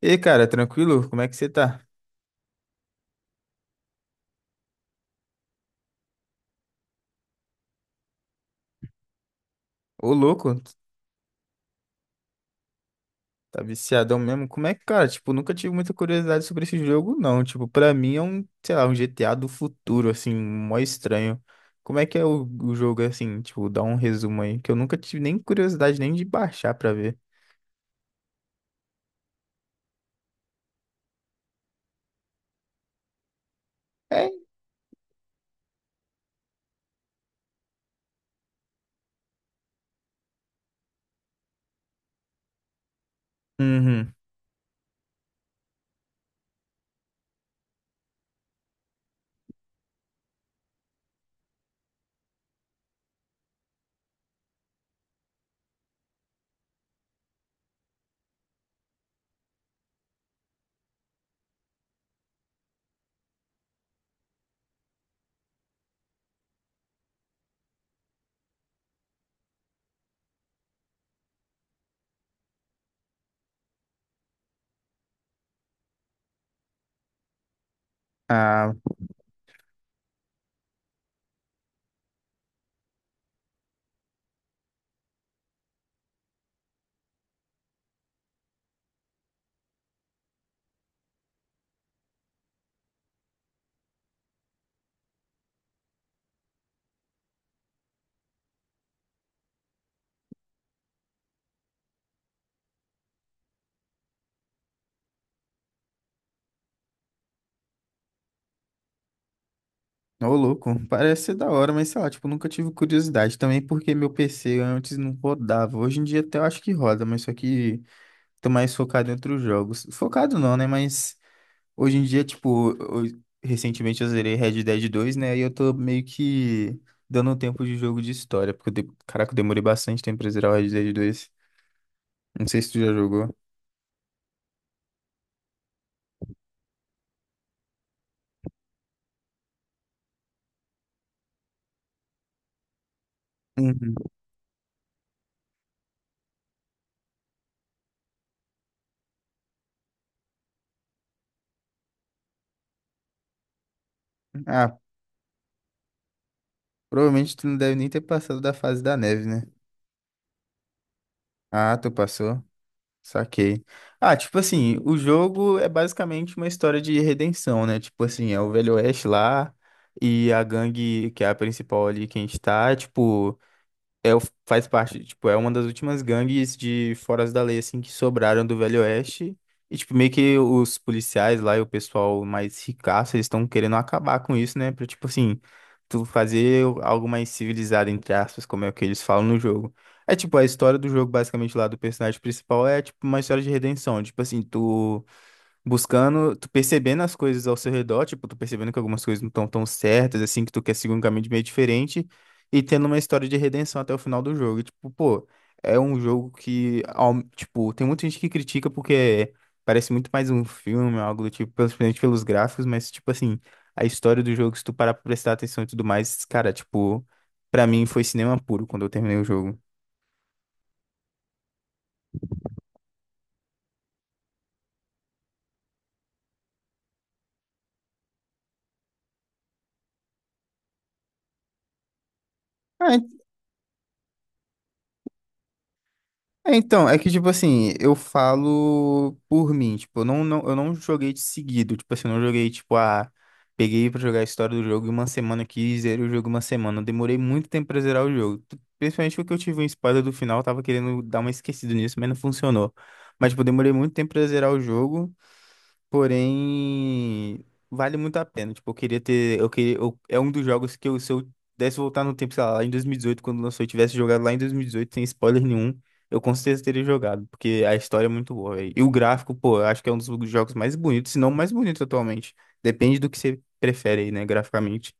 E aí, cara, tranquilo? Como é que você tá? Ô, louco, tá viciadão mesmo? Como é que, cara, tipo, nunca tive muita curiosidade sobre esse jogo, não. Tipo, pra mim é um, sei lá, um GTA do futuro, assim, mó estranho. Como é que é o jogo, assim, tipo, dá um resumo aí, que eu nunca tive nem curiosidade nem de baixar pra ver. É? Uhum. Ah, ô, louco, parece ser da hora, mas sei lá, tipo, nunca tive curiosidade também, porque meu PC antes não rodava. Hoje em dia até eu acho que roda, mas só que tô mais focado em outros jogos. Focado não, né, mas... Hoje em dia, tipo, recentemente eu zerei Red Dead 2, né? E eu tô meio que dando um tempo de jogo de história, porque, caraca, eu demorei bastante tempo pra zerar o Red Dead 2. Não sei se tu já jogou. Uhum. Ah, provavelmente tu não deve nem ter passado da fase da neve, né? Ah, tu passou. Saquei. Ah, tipo assim, o jogo é basicamente uma história de redenção, né? Tipo assim, é o Velho Oeste lá e a gangue, que é a principal ali que a gente tá, tipo. É, faz parte, tipo, é uma das últimas gangues de foras da lei, assim, que sobraram do Velho Oeste. E, tipo, meio que os policiais lá e o pessoal mais ricaço, eles estão querendo acabar com isso, né? Pra, tipo, assim, tu fazer algo mais civilizado, entre aspas, como é o que eles falam no jogo. É, tipo, a história do jogo, basicamente, lá do personagem principal é, tipo, uma história de redenção. Tipo, assim, tu buscando, tu percebendo as coisas ao seu redor, tipo, tu percebendo que algumas coisas não estão tão certas, assim, que tu quer seguir um caminho de meio diferente, e tendo uma história de redenção até o final do jogo. E, tipo, pô, é um jogo que, tipo, tem muita gente que critica porque parece muito mais um filme, algo do tipo, principalmente pelos gráficos, mas, tipo, assim, a história do jogo, se tu parar pra prestar atenção e tudo mais, cara, tipo, pra mim foi cinema puro quando eu terminei o jogo. É, então, é que, tipo assim, eu falo por mim, tipo, eu não joguei de seguido, tipo assim, eu não joguei, tipo, ah, peguei pra jogar a história do jogo e uma semana aqui, e zerei o jogo uma semana, eu demorei muito tempo pra zerar o jogo. Principalmente porque eu tive um spoiler do final, eu tava querendo dar uma esquecida nisso, mas não funcionou, mas, tipo, eu demorei muito tempo pra zerar o jogo. Porém, vale muito a pena. Tipo, eu queria ter. É um dos jogos que eu, se eu pudesse voltar no tempo, sei lá, lá em 2018, quando lançou, eu tivesse jogado lá em 2018, sem spoiler nenhum, eu com certeza teria jogado, porque a história é muito boa, véi. E o gráfico, pô, eu acho que é um dos jogos mais bonitos, se não o mais bonito atualmente. Depende do que você prefere aí, né, graficamente.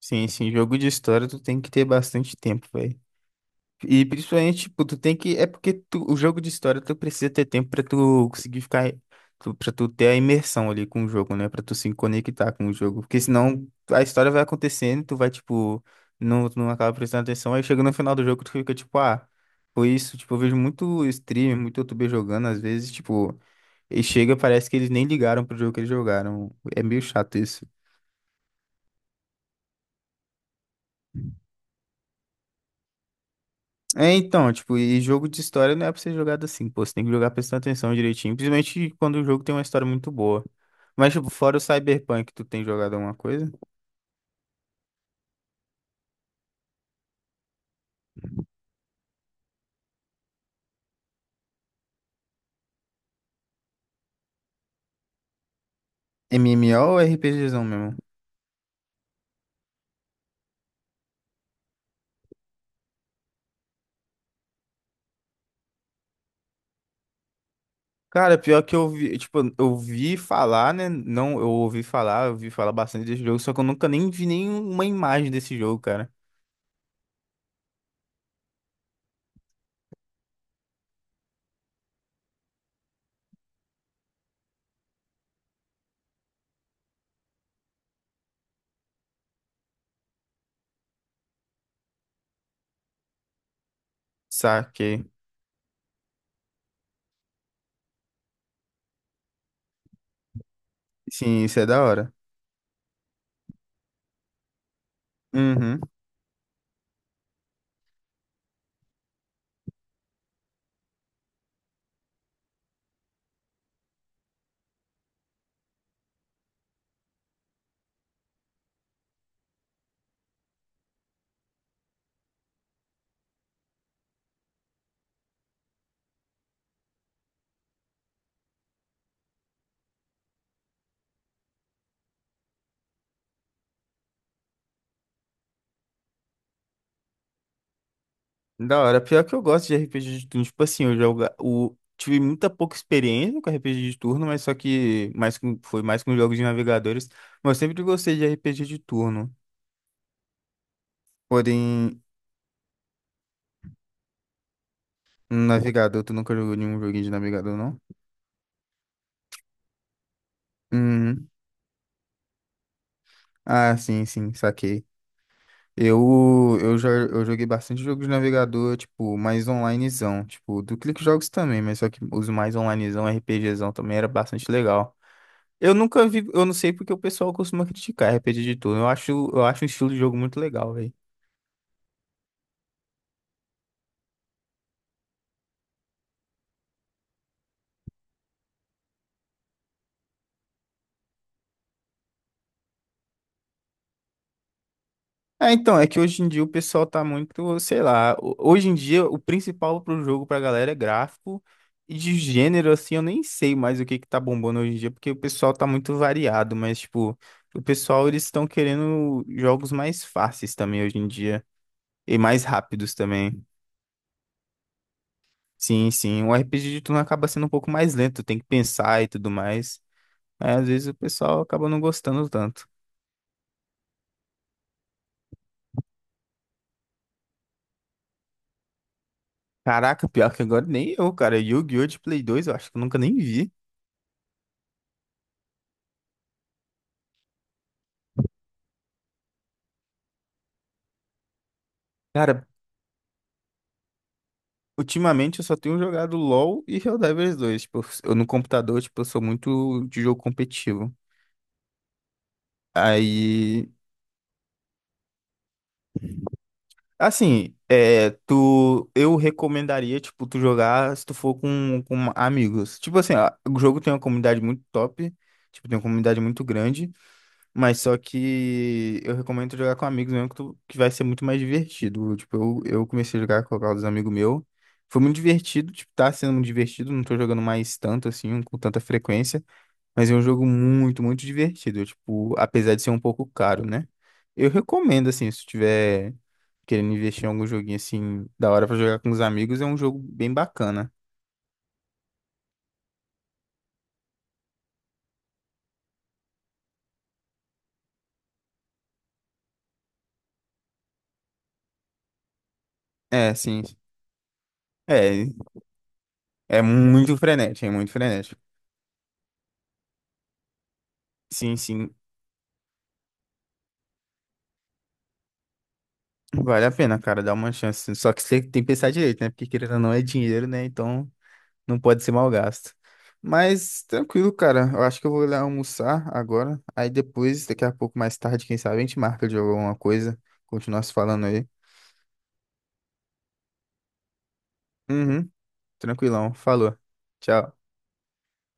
Sim, sim, jogo de história tu tem que ter bastante tempo, velho. E principalmente, tipo, tu tem que. É porque o jogo de história tu precisa ter tempo pra tu conseguir ficar. Tu, pra tu ter a imersão ali com o jogo, né? Pra tu se conectar com o jogo. Porque senão a história vai acontecendo, tu vai, tipo. Não, tu não acaba prestando atenção. Aí chega no final do jogo, tu fica tipo, ah, foi isso. Tipo, eu vejo muito streamer, muito youtuber jogando, às vezes, tipo. E chega, parece que eles nem ligaram pro jogo que eles jogaram. É meio chato isso. É, então, tipo, e jogo de história não é pra ser jogado assim, pô, você tem que jogar prestando atenção direitinho, principalmente quando o jogo tem uma história muito boa. Mas, tipo, fora o Cyberpunk, tu tem jogado alguma coisa? MMO ou RPGzão mesmo? Cara, pior que eu vi, tipo, eu vi falar, né? Não, eu ouvi falar bastante desse jogo, só que eu nunca nem vi nenhuma imagem desse jogo, cara. Saquei. Sim, isso é da hora. Uhum. Da hora, pior que eu gosto de RPG de turno. Tipo assim, tive muita pouca experiência com RPG de turno, mas só que mais com... foi mais com jogos de navegadores. Mas eu sempre gostei de RPG de turno. Porém, um navegador, tu nunca jogou nenhum joguinho de navegador, não? Uhum. Ah, sim, sim, saquei. Eu joguei bastante jogos de navegador, tipo, mais onlinezão. Tipo, do Clique Jogos também, mas só que os mais onlinezão, RPGzão também era bastante legal. Eu nunca vi, eu não sei porque o pessoal costuma criticar RPG de turno. Eu acho um estilo de jogo muito legal, velho. É, então, é que hoje em dia o pessoal tá muito, sei lá, hoje em dia o principal pro jogo pra galera é gráfico e de gênero assim, eu nem sei mais o que que tá bombando hoje em dia, porque o pessoal tá muito variado, mas tipo, o pessoal eles estão querendo jogos mais fáceis também hoje em dia e mais rápidos também. Sim, sim, o RPG de turno acaba sendo um pouco mais lento, tem que pensar e tudo mais. É, às vezes o pessoal acaba não gostando tanto. Caraca, pior que agora nem eu, cara. Yu-Gi-Oh! De Play 2, eu acho que eu nunca nem vi. Cara, ultimamente eu só tenho jogado LoL e Helldivers 2. Tipo, eu no computador, tipo, eu sou muito de jogo competitivo. Aí, assim, é, tu, eu recomendaria, tipo, tu jogar se tu for com amigos. Tipo assim, ó, o jogo tem uma comunidade muito top, tipo, tem uma comunidade muito grande. Mas só que eu recomendo jogar com amigos mesmo, que, que vai ser muito mais divertido. Tipo, eu comecei a jogar com alguns amigos meu. Foi muito divertido, tipo, tá sendo muito divertido. Não tô jogando mais tanto, assim, com tanta frequência. Mas é um jogo muito divertido. Tipo, apesar de ser um pouco caro, né? Eu recomendo, assim, se tu tiver querendo investir em algum joguinho, assim, da hora pra jogar com os amigos, é um jogo bem bacana. É, sim. É, é muito frenético, é muito frenético. Sim, sim. Vale a pena, cara, dar uma chance. Só que você tem que pensar direito, né? Porque querendo ou não é dinheiro, né? Então não pode ser mal gasto. Mas tranquilo, cara. Eu acho que eu vou lá almoçar agora. Aí depois, daqui a pouco, mais tarde, quem sabe, a gente marca de alguma coisa. Continuar se falando aí. Uhum, tranquilão. Falou. Tchau.